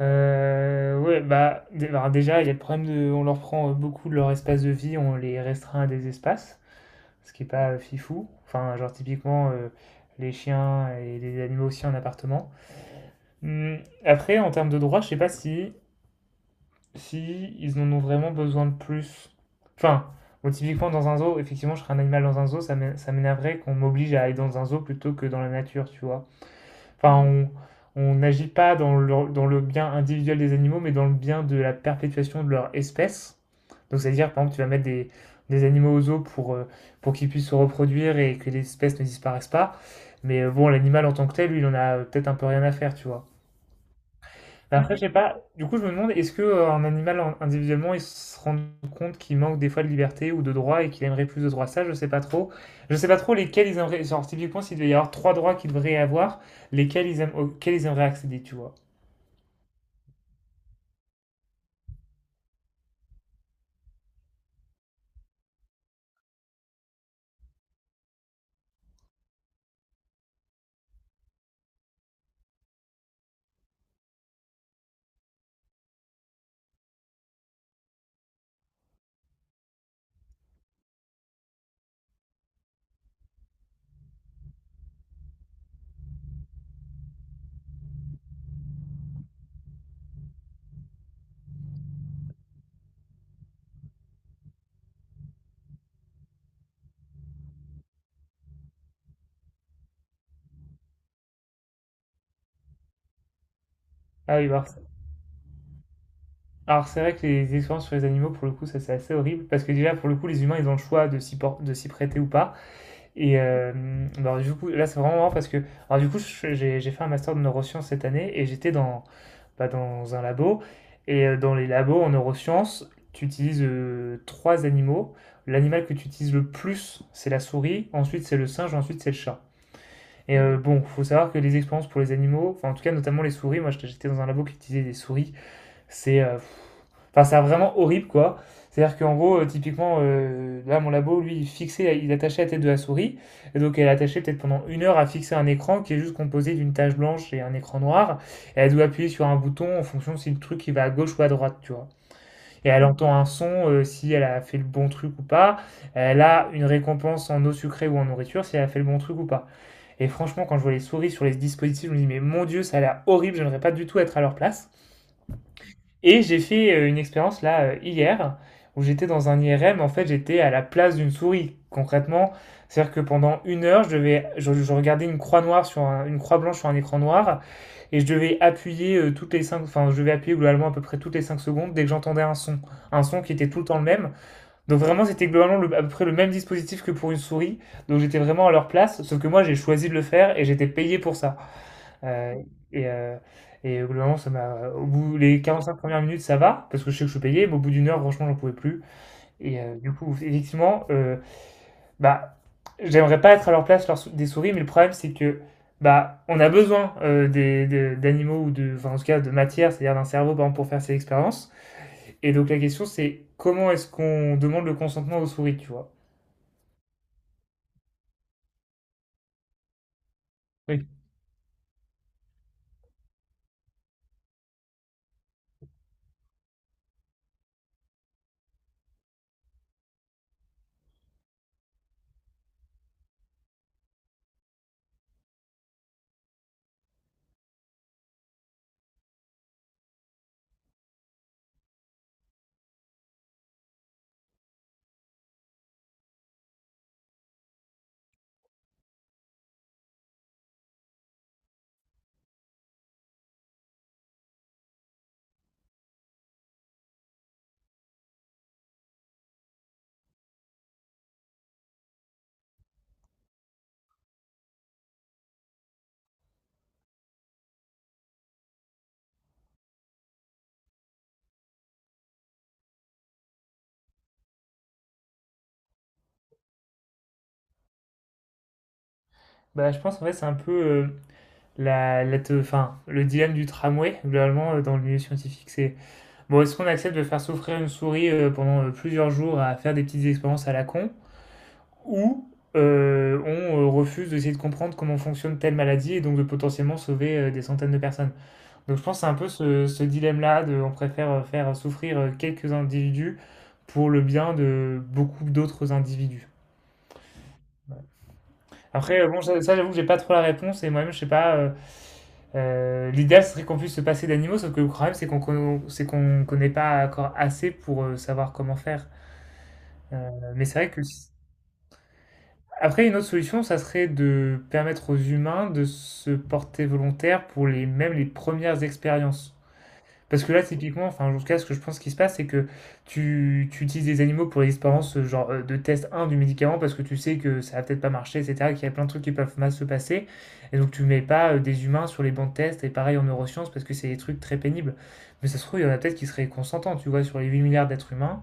Ouais, déjà, il y a le problème de, on leur prend beaucoup de leur espace de vie, on les restreint à des espaces, ce qui est pas fifou. Enfin, genre typiquement les chiens et les animaux aussi en appartement. Hmm, Après, en termes de droits, je sais pas si, si ils en ont vraiment besoin de plus. Enfin, bon, typiquement dans un zoo, effectivement, je serais un animal dans un zoo, ça m'énerverait qu'on m'oblige à aller dans un zoo plutôt que dans la nature, tu vois. Enfin, on n'agit pas dans le bien individuel des animaux, mais dans le bien de la perpétuation de leur espèce. Donc, c'est-à-dire, par exemple, tu vas mettre des animaux aux eaux pour qu'ils puissent se reproduire et que l'espèce ne disparaisse pas. Mais bon, l'animal en tant que tel, lui, il en a peut-être un peu rien à faire, tu vois. Bah, après, je sais pas, du coup, je me demande, est-ce que un animal individuellement, il se rend compte qu'il manque des fois de liberté ou de droits et qu'il aimerait plus de droits? Ça, je sais pas trop. Je sais pas trop lesquels ils aimeraient, genre, typiquement, s'il devait y avoir trois droits qu'ils devraient avoir, lesquels ils aiment, auxquels ils aimeraient accéder, tu vois. Ah oui, bah, alors, c'est vrai que les expériences sur les animaux, pour le coup, ça, c'est assez horrible parce que déjà, pour le coup, les humains, ils ont le choix de de s'y prêter ou pas. Et bah, du coup, là, c'est vraiment marrant parce que, alors, du coup, j'ai fait un master de neurosciences cette année et j'étais dans un labo. Et dans les labos en neurosciences, tu utilises trois animaux. L'animal que tu utilises le plus, c'est la souris, ensuite c'est le singe, ensuite c'est le chat. Et bon, faut savoir que les expériences pour les animaux, enfin en tout cas notamment les souris, moi j'étais dans un labo qui utilisait des souris, c'est enfin, c'est vraiment horrible, quoi. C'est-à-dire qu'en gros, typiquement, là, mon labo, lui, il fixait, il attachait la tête de la souris. Et donc, elle attachait peut-être pendant une heure à fixer un écran qui est juste composé d'une tache blanche et un écran noir. Et elle doit appuyer sur un bouton en fonction de si le truc il va à gauche ou à droite, tu vois. Et elle entend un son, si elle a fait le bon truc ou pas. Elle a une récompense en eau sucrée ou en nourriture, si elle a fait le bon truc ou pas. Et franchement, quand je vois les souris sur les dispositifs, je me dis, mais mon Dieu, ça a l'air horrible, j'aimerais pas du tout être à leur place. Et j'ai fait une expérience là hier où j'étais dans un IRM. En fait, j'étais à la place d'une souris, concrètement. C'est-à-dire que pendant une heure, je regardais une croix noire sur une croix blanche sur un écran noir et je devais appuyer enfin, je devais appuyer globalement à peu près toutes les 5 secondes dès que j'entendais un son qui était tout le temps le même. Donc vraiment, c'était globalement à peu près le même dispositif que pour une souris. Donc j'étais vraiment à leur place, sauf que moi, j'ai choisi de le faire et j'étais payé pour ça. Euh, et, euh, et globalement, ça m'a. Au bout les 45 premières minutes, ça va, parce que je sais que je suis payé, mais au bout d'une heure, franchement, j'en pouvais plus. Et du coup, effectivement, bah, j'aimerais pas être à leur place des souris, mais le problème, c'est que bah, on a besoin d'animaux ou de, enfin, en tout cas, de matière, c'est-à-dire d'un cerveau, par exemple, pour faire ces expériences. Et donc, la question, c'est comment est-ce qu'on demande le consentement aux souris, tu vois? Oui. Bah, je pense en fait c'est un peu enfin, le dilemme du tramway globalement dans le milieu scientifique c'est Bon, est-ce qu'on accepte de faire souffrir une souris pendant plusieurs jours à faire des petites expériences à la con ou on refuse d'essayer de comprendre comment fonctionne telle maladie et donc de potentiellement sauver des centaines de personnes? Donc je pense que c'est un peu ce dilemme-là de on préfère faire souffrir quelques individus pour le bien de beaucoup d'autres individus. Après, bon, j'avoue que j'ai pas trop la réponse et moi-même je sais pas. L'idéal, serait qu'on puisse se passer d'animaux, sauf que le problème, c'est c'est qu'on connaît pas encore assez pour savoir comment faire. Mais c'est vrai que. Après, une autre solution, ça serait de permettre aux humains de se porter volontaire pour les, même les premières expériences. Parce que là, typiquement, enfin, en tout cas, ce que je pense qui se passe, c'est que tu utilises des animaux pour l'expérience genre de test un du médicament parce que tu sais que ça va peut-être pas marcher, etc., qu'il y a plein de trucs qui peuvent mal se passer. Et donc, tu mets pas des humains sur les bancs de test et pareil en neurosciences parce que c'est des trucs très pénibles. Mais ça se trouve, il y en a peut-être qui seraient consentants, tu vois, sur les 8 milliards d'êtres humains.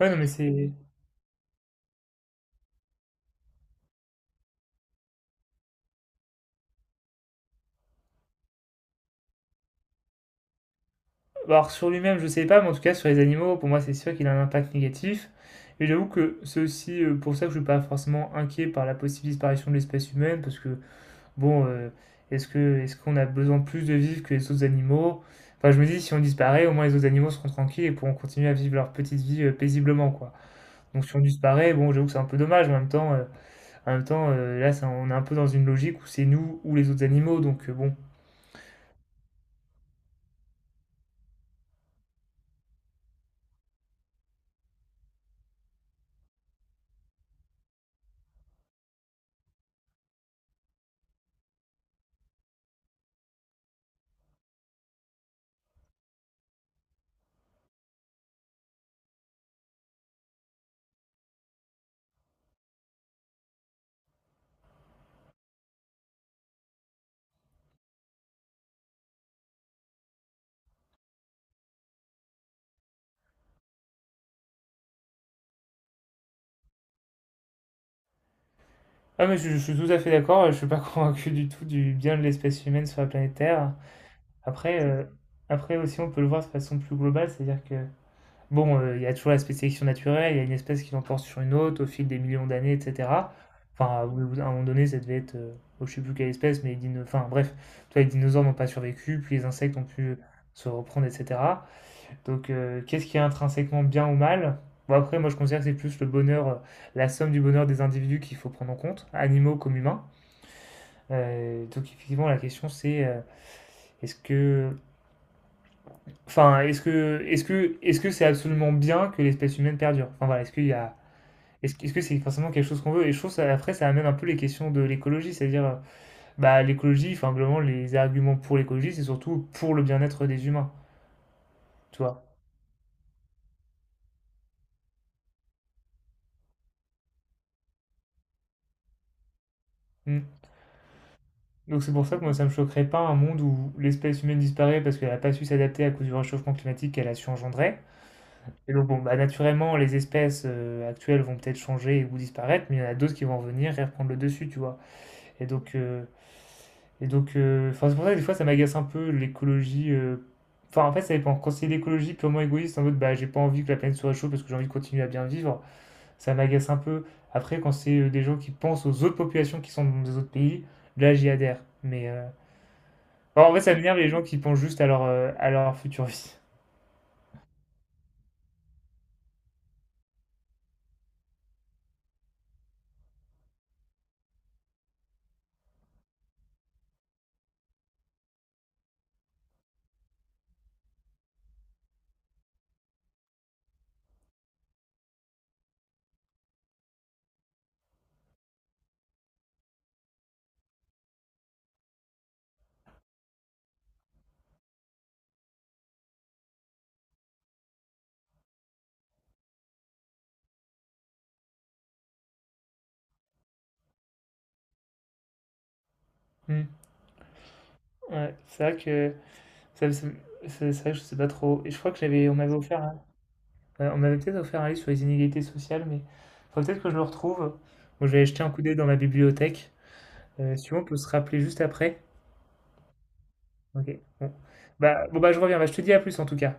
Ouais, non, mais c'est. Bah, alors sur lui-même, je ne sais pas, mais en tout cas sur les animaux, pour moi c'est sûr qu'il a un impact négatif. Et j'avoue que c'est aussi pour ça que je ne suis pas forcément inquiet par la possible disparition de l'espèce humaine, parce que bon, est-ce qu'on a besoin de plus de vivre que les autres animaux? Enfin, je me dis si on disparaît, au moins les autres animaux seront tranquilles et pourront continuer à vivre leur petite vie paisiblement, quoi. Donc si on disparaît, bon, j'avoue que c'est un peu dommage, mais en même temps, là, on est un peu dans une logique où c'est nous ou les autres animaux, donc bon, ah mais je suis tout à fait d'accord, je suis pas convaincu du tout du bien de l'espèce humaine sur la planète Terre. Après, euh, après aussi on peut le voir de façon plus globale, c'est-à-dire que bon, il y a toujours l'aspect sélection naturelle, il y a une espèce qui l'emporte sur une autre au fil des millions d'années, etc. Enfin, au bout à un moment donné, ça devait être, oh, je sais plus quelle espèce, mais enfin bref, tu vois, les dinosaures n'ont pas survécu, puis les insectes ont pu se reprendre, etc. Donc qu'est-ce qui est intrinsèquement bien ou mal? Bon après, moi je considère que c'est plus le bonheur, la somme du bonheur des individus qu'il faut prendre en compte, animaux comme humains. Donc effectivement, la question c'est, est-ce que enfin, est-ce que c'est absolument bien que l'espèce humaine perdure? Enfin voilà, est-ce qu'il y a est-ce que c'est forcément quelque chose qu'on veut? Et je trouve ça après ça amène un peu les questions de l'écologie, c'est-à-dire, bah, l'écologie, enfin globalement les arguments pour l'écologie, c'est surtout pour le bien-être des humains, tu vois? Mmh. Donc c'est pour ça que moi ça me choquerait pas un monde où l'espèce humaine disparaît parce qu'elle a pas su s'adapter à cause du réchauffement climatique qu'elle a su engendrer. Et donc, bon, bah, naturellement, les espèces actuelles vont peut-être changer ou disparaître, mais il y en a d'autres qui vont venir et reprendre le dessus, tu vois. Et donc, euh, enfin, c'est pour ça que des fois, ça m'agace un peu l'écologie. Enfin, en fait, ça dépend. Quand c'est l'écologie purement égoïste, en mode, bah, j'ai pas envie que la planète se réchauffe parce que j'ai envie de continuer à bien vivre, ça m'agace un peu. Après, quand c'est des gens qui pensent aux autres populations qui sont dans des autres pays, là, j'y adhère. Mais enfin, en fait, ça m'énerve les gens qui pensent juste à leur future vie. Hmm. Ouais, c'est vrai que. c'est c'est vrai que je sais pas trop. Et je crois que j'avais, on m'avait offert, on m'avait peut-être offert un livre sur les inégalités sociales, mais faudrait peut-être que je le retrouve. Bon, je vais jeter un coup d'œil dans ma bibliothèque. Si on peut se rappeler juste après. Ok. Bon. Bah, bon bah je reviens. Bah, je te dis à plus en tout cas.